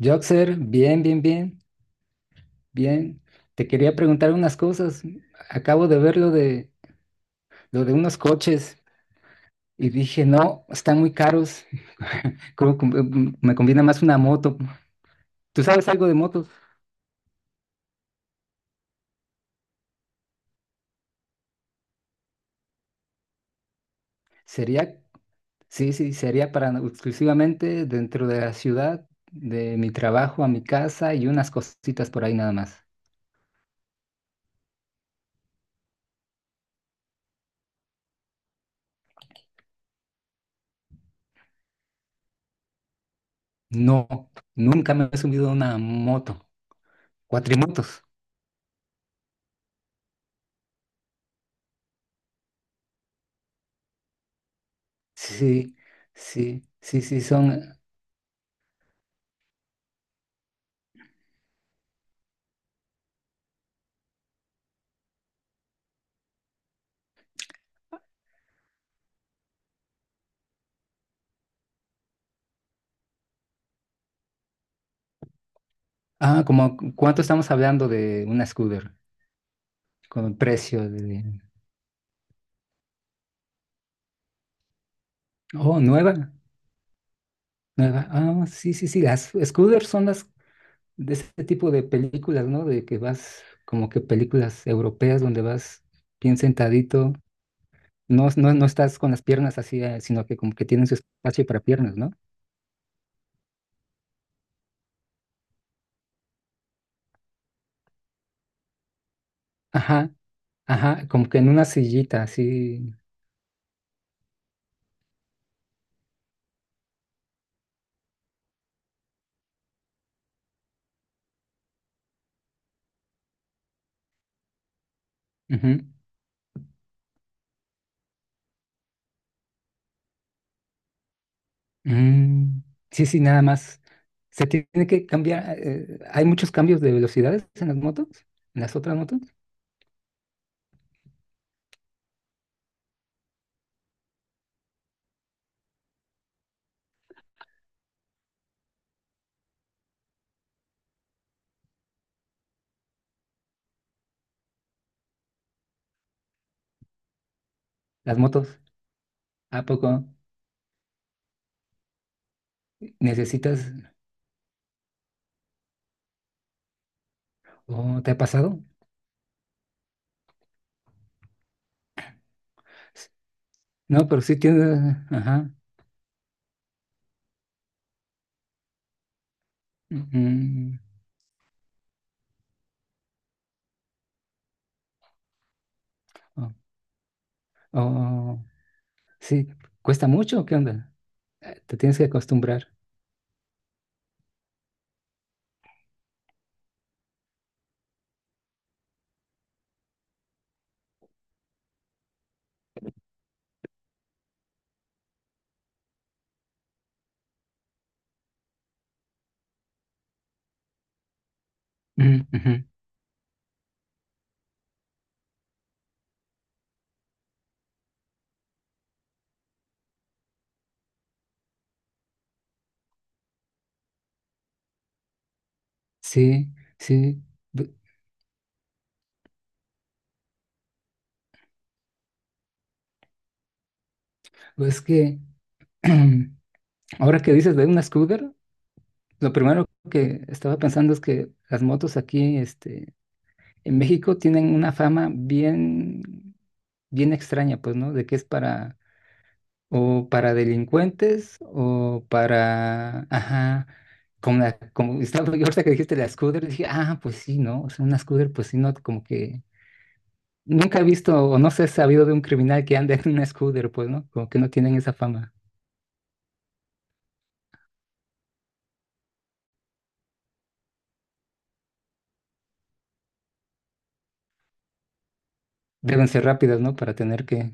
Joxer, bien, bien, bien, bien. Te quería preguntar unas cosas. Acabo de ver lo de unos coches y dije, no, están muy caros. Creo que me conviene más una moto. ¿Tú sabes algo de motos? Sería, sí, sí, sería para no, exclusivamente dentro de la ciudad, de mi trabajo a mi casa y unas cositas por ahí nada más. No, nunca me he subido a una moto. Cuatrimotos. Sí, sí, sí, sí, son. Ah, ¿como cuánto estamos hablando de una scooter con el precio de? Oh, nueva, nueva. Ah, sí, sí, sí. Las scooters son las de este tipo de películas, ¿no? De que vas como que películas europeas donde vas bien sentadito. No, no, no estás con las piernas así, sino que como que tienen su espacio para piernas, ¿no? Ajá, ajá, como que en una sillita así. Ujú. Mm, sí, sí, nada más. Se tiene que cambiar. ¿Hay muchos cambios de velocidades en las motos? ¿En las otras motos? Las motos. ¿A poco necesitas o te ha pasado? S- No, pero sí tiene. Ajá. mm, oh, oh, sí, cuesta mucho. ¿O qué onda? Te tienes que acostumbrar. Mm, ujú, sí, sí. bu- pues es que ahora que dices de una scooter, lo primero que estaba pensando es que las motos aquí, este, en México tienen una fama bien, bien extraña, pues, ¿no? De que es para, o para delincuentes, o para, ajá, como estaba yo ahorita que dijiste la Scooter, dije, ah, pues sí, ¿no? O sea, una Scooter, pues sí, no, como que nunca he visto, o no sé, he sabido de un criminal que ande en una Scooter, pues, ¿no? Como que no tienen esa fama. Deben ser rápidas, ¿no? Para tener que,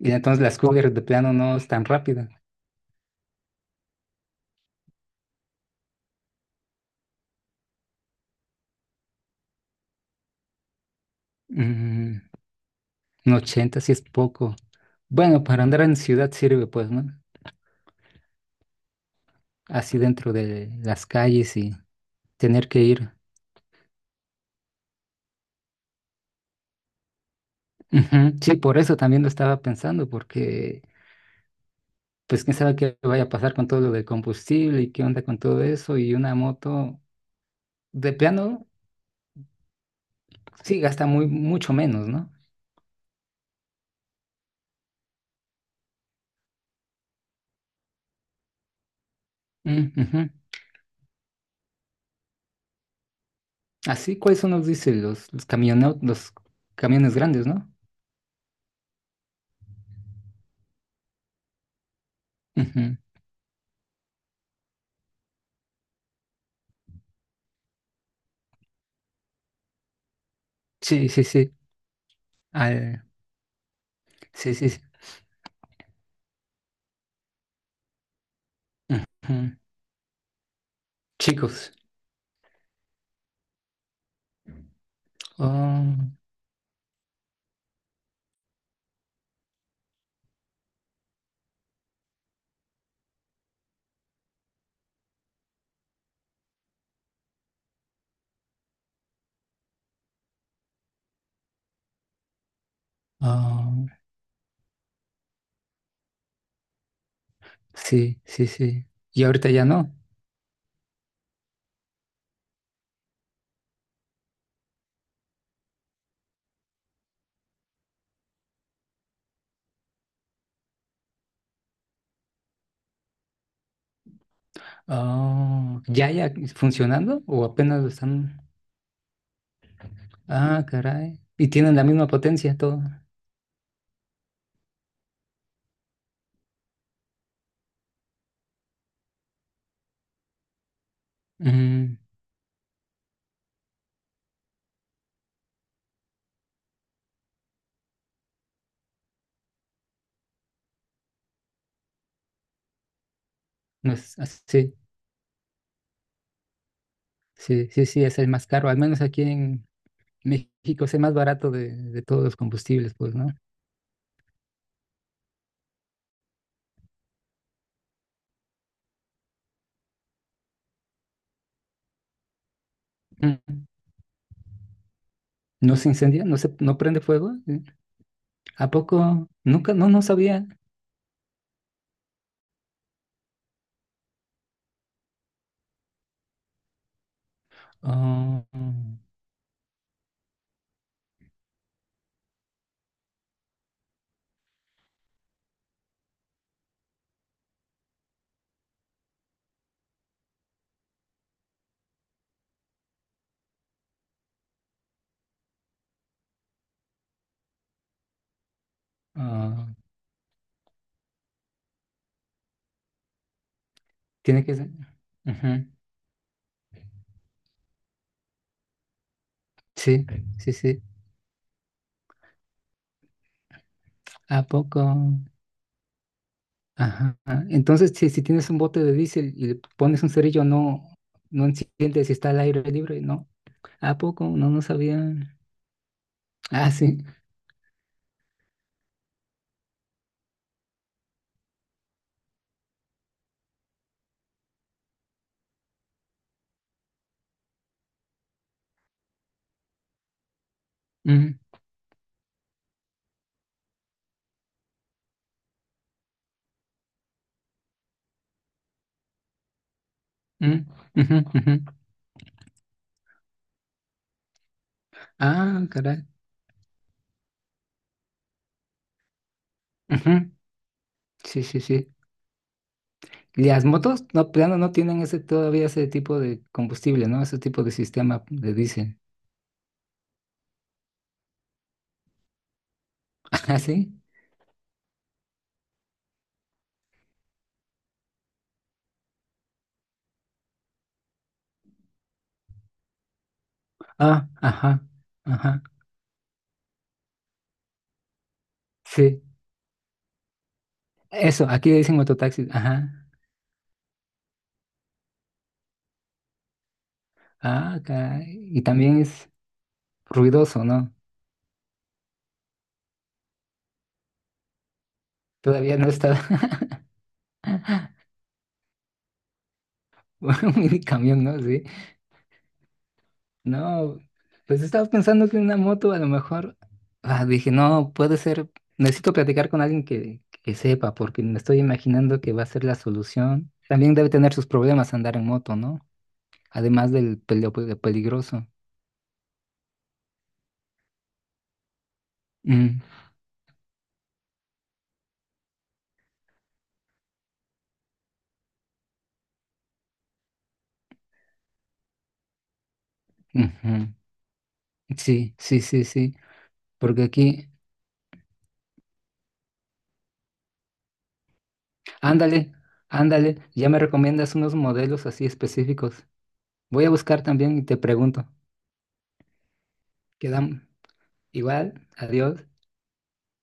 y entonces la Scooter de plano no es tan rápida. Mm. Un 80 sí es poco. Bueno, para andar en ciudad sirve, pues, ¿no? Así dentro de las calles y tener que ir. Ujú. Sí, por eso también lo estaba pensando, porque pues quién sabe qué vaya a pasar con todo lo del combustible y qué onda con todo eso. Y una moto de plano sí gasta muy, mucho menos, ¿no? Mm, ujú. Así, ¿cuáles son los, dice, los camiones, los camiones grandes, ¿no? Ujú. Sí, sí, sí. Al- sí, sí, sí. Ujú. Chicos. Oh. Ah, sí, sí, sí. Y ahorita ya no. Ah, ¿ya ya funcionando o apenas lo están? Ah, caray. Y tienen la misma potencia todo. Mm, no es así. Sí, sí, sí, es el más caro. Al menos aquí en México es el más barato de, todos los combustibles, pues, ¿no? Mm. ¿No se incendia? No prende fuego? ¿Sí? ¿A poco? Nunca, no, no sabía. Ah, ah, tiene que ser. Ujú. Sí, sí, sí. ¿A poco? Ajá. Entonces, si tienes un bote de diésel y le pones un cerillo, no, no enciende si está al aire libre, ¿no? ¿A poco? No, no sabía. Ah, sí. Ujú, ujú, ujú, ujú. Ah, caray. Ujú. Sí, sí, sí. Las motos, no, plano, no no tienen ese todavía ese tipo de combustible, ¿no? Ese tipo de sistema de diésel. Ah, sí. Ah, ajá, ajá. Sí. Eso, aquí le dicen mototaxi. Ajá. Ah, caray. Y también es ruidoso, ¿no? Todavía no está. Un mini camión, ¿no? Sí. No, pues estaba pensando que una moto a lo mejor. Ah, dije, no, puede ser. Necesito platicar con alguien que, sepa, porque me estoy imaginando que va a ser la solución. También debe tener sus problemas andar en moto, ¿no? Además del peligroso. Mm, ujú. Sí, sí, sí, sí. Porque aquí. Ándale, ándale. Ya me recomiendas unos modelos así específicos. Voy a buscar también y te pregunto. Quedamos igual. Adiós.